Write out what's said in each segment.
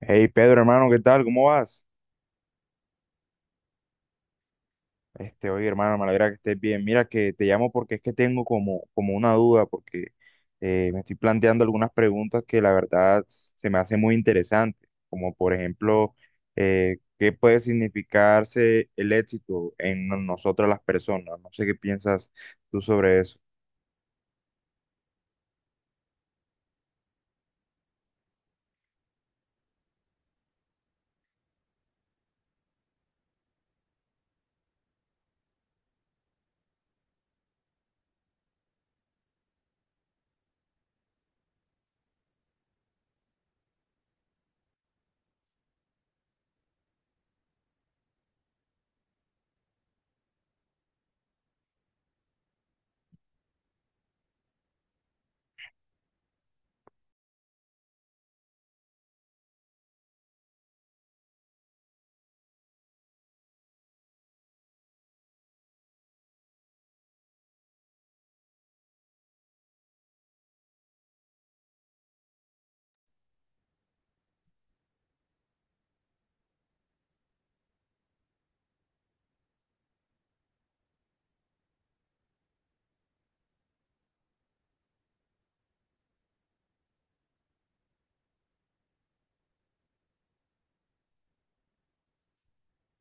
Hey Pedro, hermano, ¿qué tal? ¿Cómo vas? Este, oye, hermano, me alegra que estés bien. Mira que te llamo porque es que tengo como una duda, porque me estoy planteando algunas preguntas que la verdad se me hacen muy interesantes, como por ejemplo, ¿qué puede significarse el éxito en nosotras las personas? No sé qué piensas tú sobre eso.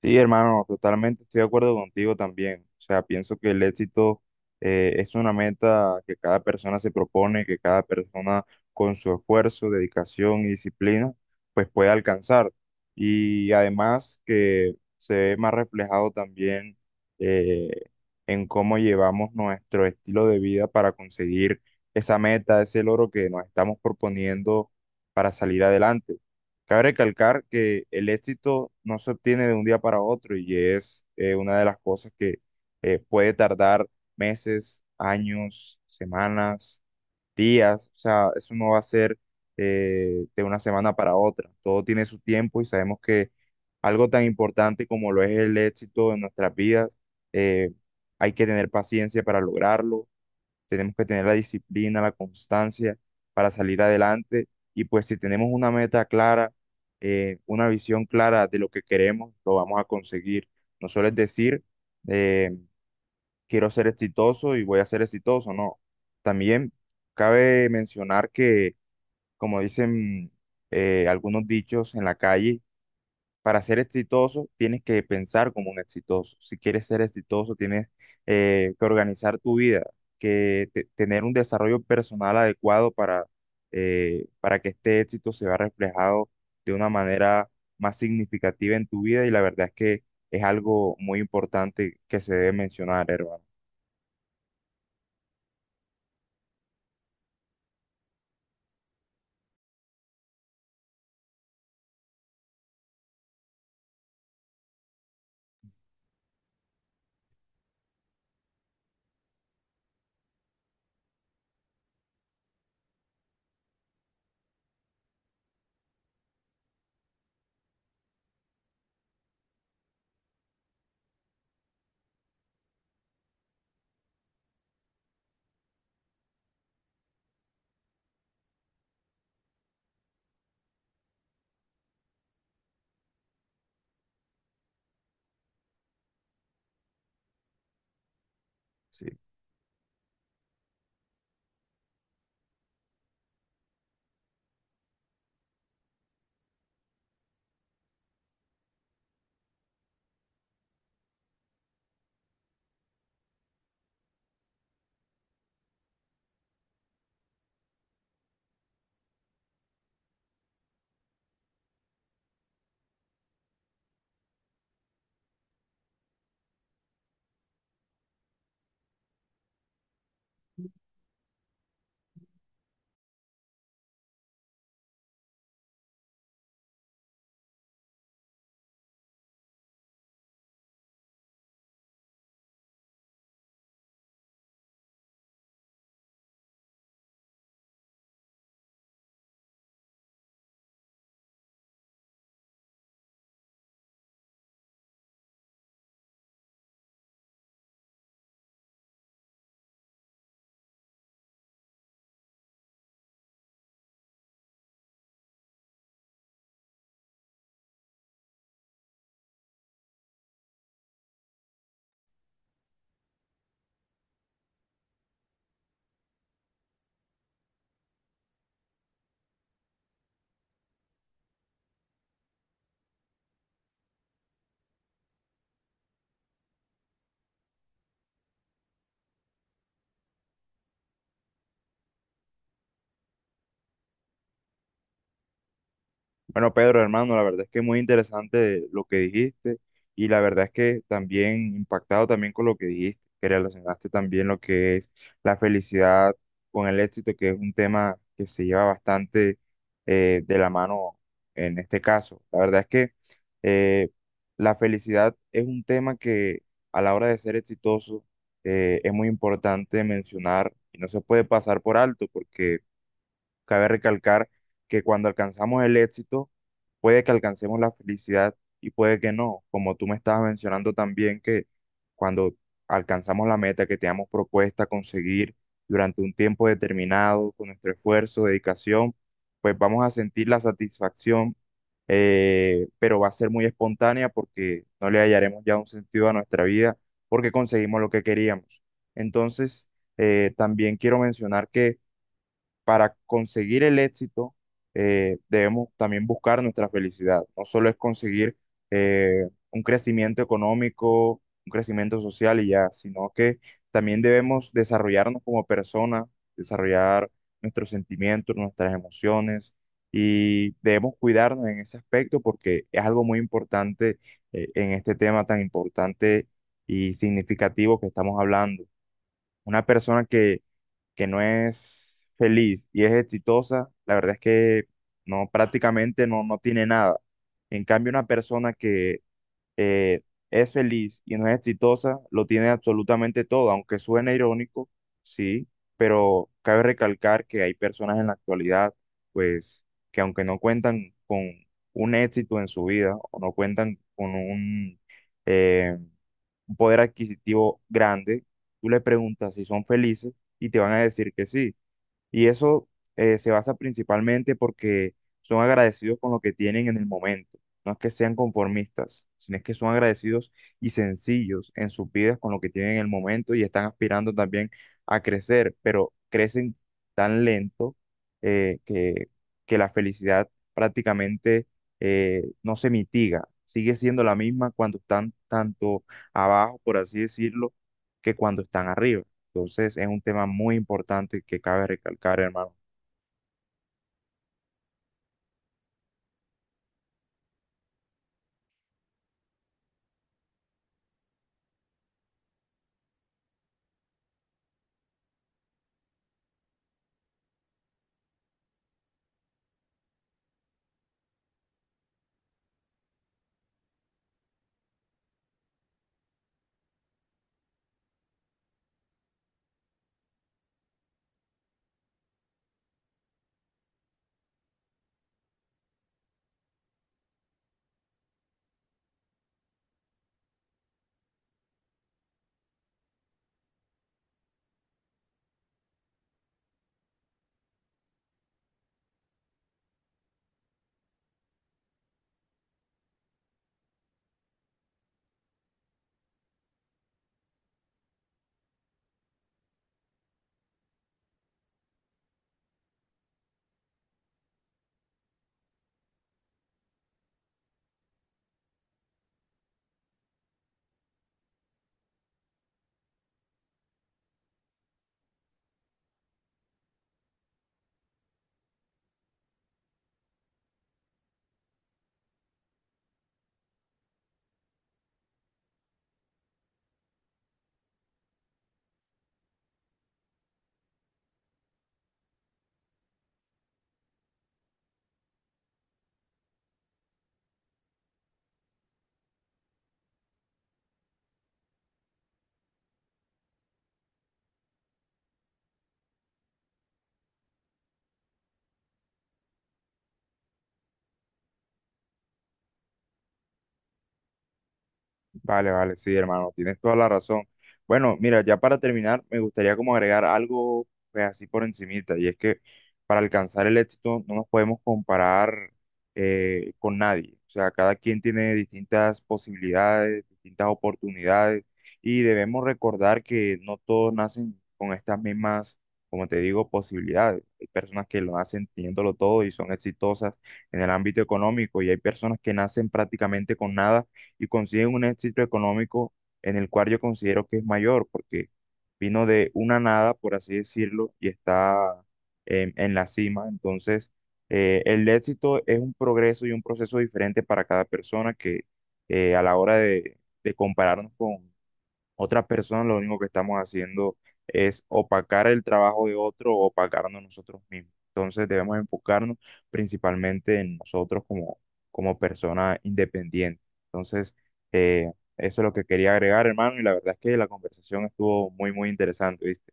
Sí, hermano, totalmente estoy de acuerdo contigo también. O sea, pienso que el éxito es una meta que cada persona se propone, que cada persona con su esfuerzo, dedicación y disciplina, pues puede alcanzar. Y además que se ve más reflejado también, eh, en cómo llevamos nuestro estilo de vida para conseguir esa meta, ese logro que nos estamos proponiendo para salir adelante. Cabe recalcar que el éxito no se obtiene de un día para otro y es, una de las cosas que puede tardar meses, años, semanas, días. O sea, eso no va a ser, de una semana para otra. Todo tiene su tiempo y sabemos que algo tan importante como lo es el éxito en nuestras vidas, eh, hay que tener paciencia para lograrlo. Tenemos que tener la disciplina, la constancia para salir adelante, y pues si tenemos una meta clara, una visión clara de lo que queremos, lo vamos a conseguir. No solo es decir, eh, quiero ser exitoso y voy a ser exitoso, no. También cabe mencionar que, como dicen, algunos dichos en la calle, para ser exitoso, tienes que pensar como un exitoso. Si quieres ser exitoso, tienes, que organizar tu vida, que tener un desarrollo personal adecuado para que este éxito se vea reflejado de una manera más significativa en tu vida. Y la verdad es que es algo muy importante que se debe mencionar, hermano. Sí. Bueno, Pedro, hermano, la verdad es que muy interesante lo que dijiste, y la verdad es que también impactado también con lo que dijiste, que relacionaste también lo que es la felicidad con el éxito, que es un tema que se lleva bastante, de la mano en este caso. La verdad es que, eh, la felicidad es un tema que a la hora de ser exitoso, es muy importante mencionar y no se puede pasar por alto porque cabe recalcar que cuando alcanzamos el éxito, puede que alcancemos la felicidad y puede que no, como tú me estabas mencionando también, que cuando alcanzamos la meta que teníamos propuesta conseguir durante un tiempo determinado, con nuestro esfuerzo, dedicación, pues vamos a sentir la satisfacción, pero va a ser muy espontánea porque no le hallaremos ya un sentido a nuestra vida porque conseguimos lo que queríamos. Entonces, también quiero mencionar que para conseguir el éxito, debemos también buscar nuestra felicidad. No solo es conseguir, un crecimiento económico, un crecimiento social y ya, sino que también debemos desarrollarnos como personas, desarrollar nuestros sentimientos, nuestras emociones, y debemos cuidarnos en ese aspecto porque es algo muy importante, en este tema tan importante y significativo que estamos hablando. Una persona que no es feliz y es exitosa, la verdad es que no, prácticamente no, no tiene nada. En cambio, una persona que, eh, es feliz y no es exitosa, lo tiene absolutamente todo, aunque suene irónico, sí, pero cabe recalcar que hay personas en la actualidad, pues, que aunque no cuentan con un éxito en su vida o no cuentan con eh, un poder adquisitivo grande, tú le preguntas si son felices y te van a decir que sí. Y eso, se basa principalmente porque son agradecidos con lo que tienen en el momento. No es que sean conformistas, sino es que son agradecidos y sencillos en sus vidas con lo que tienen en el momento, y están aspirando también a crecer, pero crecen tan lento, eh, que, que la felicidad prácticamente, no se mitiga. Sigue siendo la misma cuando están tanto abajo, por así decirlo, que cuando están arriba. Entonces, es un tema muy importante que cabe recalcar, hermano. Vale, vale, sí, hermano, tienes toda la razón. Bueno, mira, ya para terminar, me gustaría como agregar algo, pues, así por encimita, y es que para alcanzar el éxito no nos podemos comparar, con nadie. O sea, cada quien tiene distintas posibilidades, distintas oportunidades, y debemos recordar que no todos nacen con estas mismas, como te digo, posibilidades. Hay personas que lo nacen teniéndolo todo y son exitosas en el ámbito económico, y hay personas que nacen prácticamente con nada y consiguen un éxito económico en el cual yo considero que es mayor, porque vino de una nada, por así decirlo, y está en la cima. Entonces, el éxito es un progreso y un proceso diferente para cada persona que, a la hora de compararnos con otras personas, lo único que estamos haciendo es opacar el trabajo de otro o opacarnos nosotros mismos. Entonces debemos enfocarnos principalmente en nosotros como, como persona independiente. Entonces, eh, eso es lo que quería agregar, hermano, y la verdad es que la conversación estuvo muy, muy interesante, ¿viste?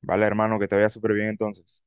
Vale, hermano, que te vaya súper bien entonces.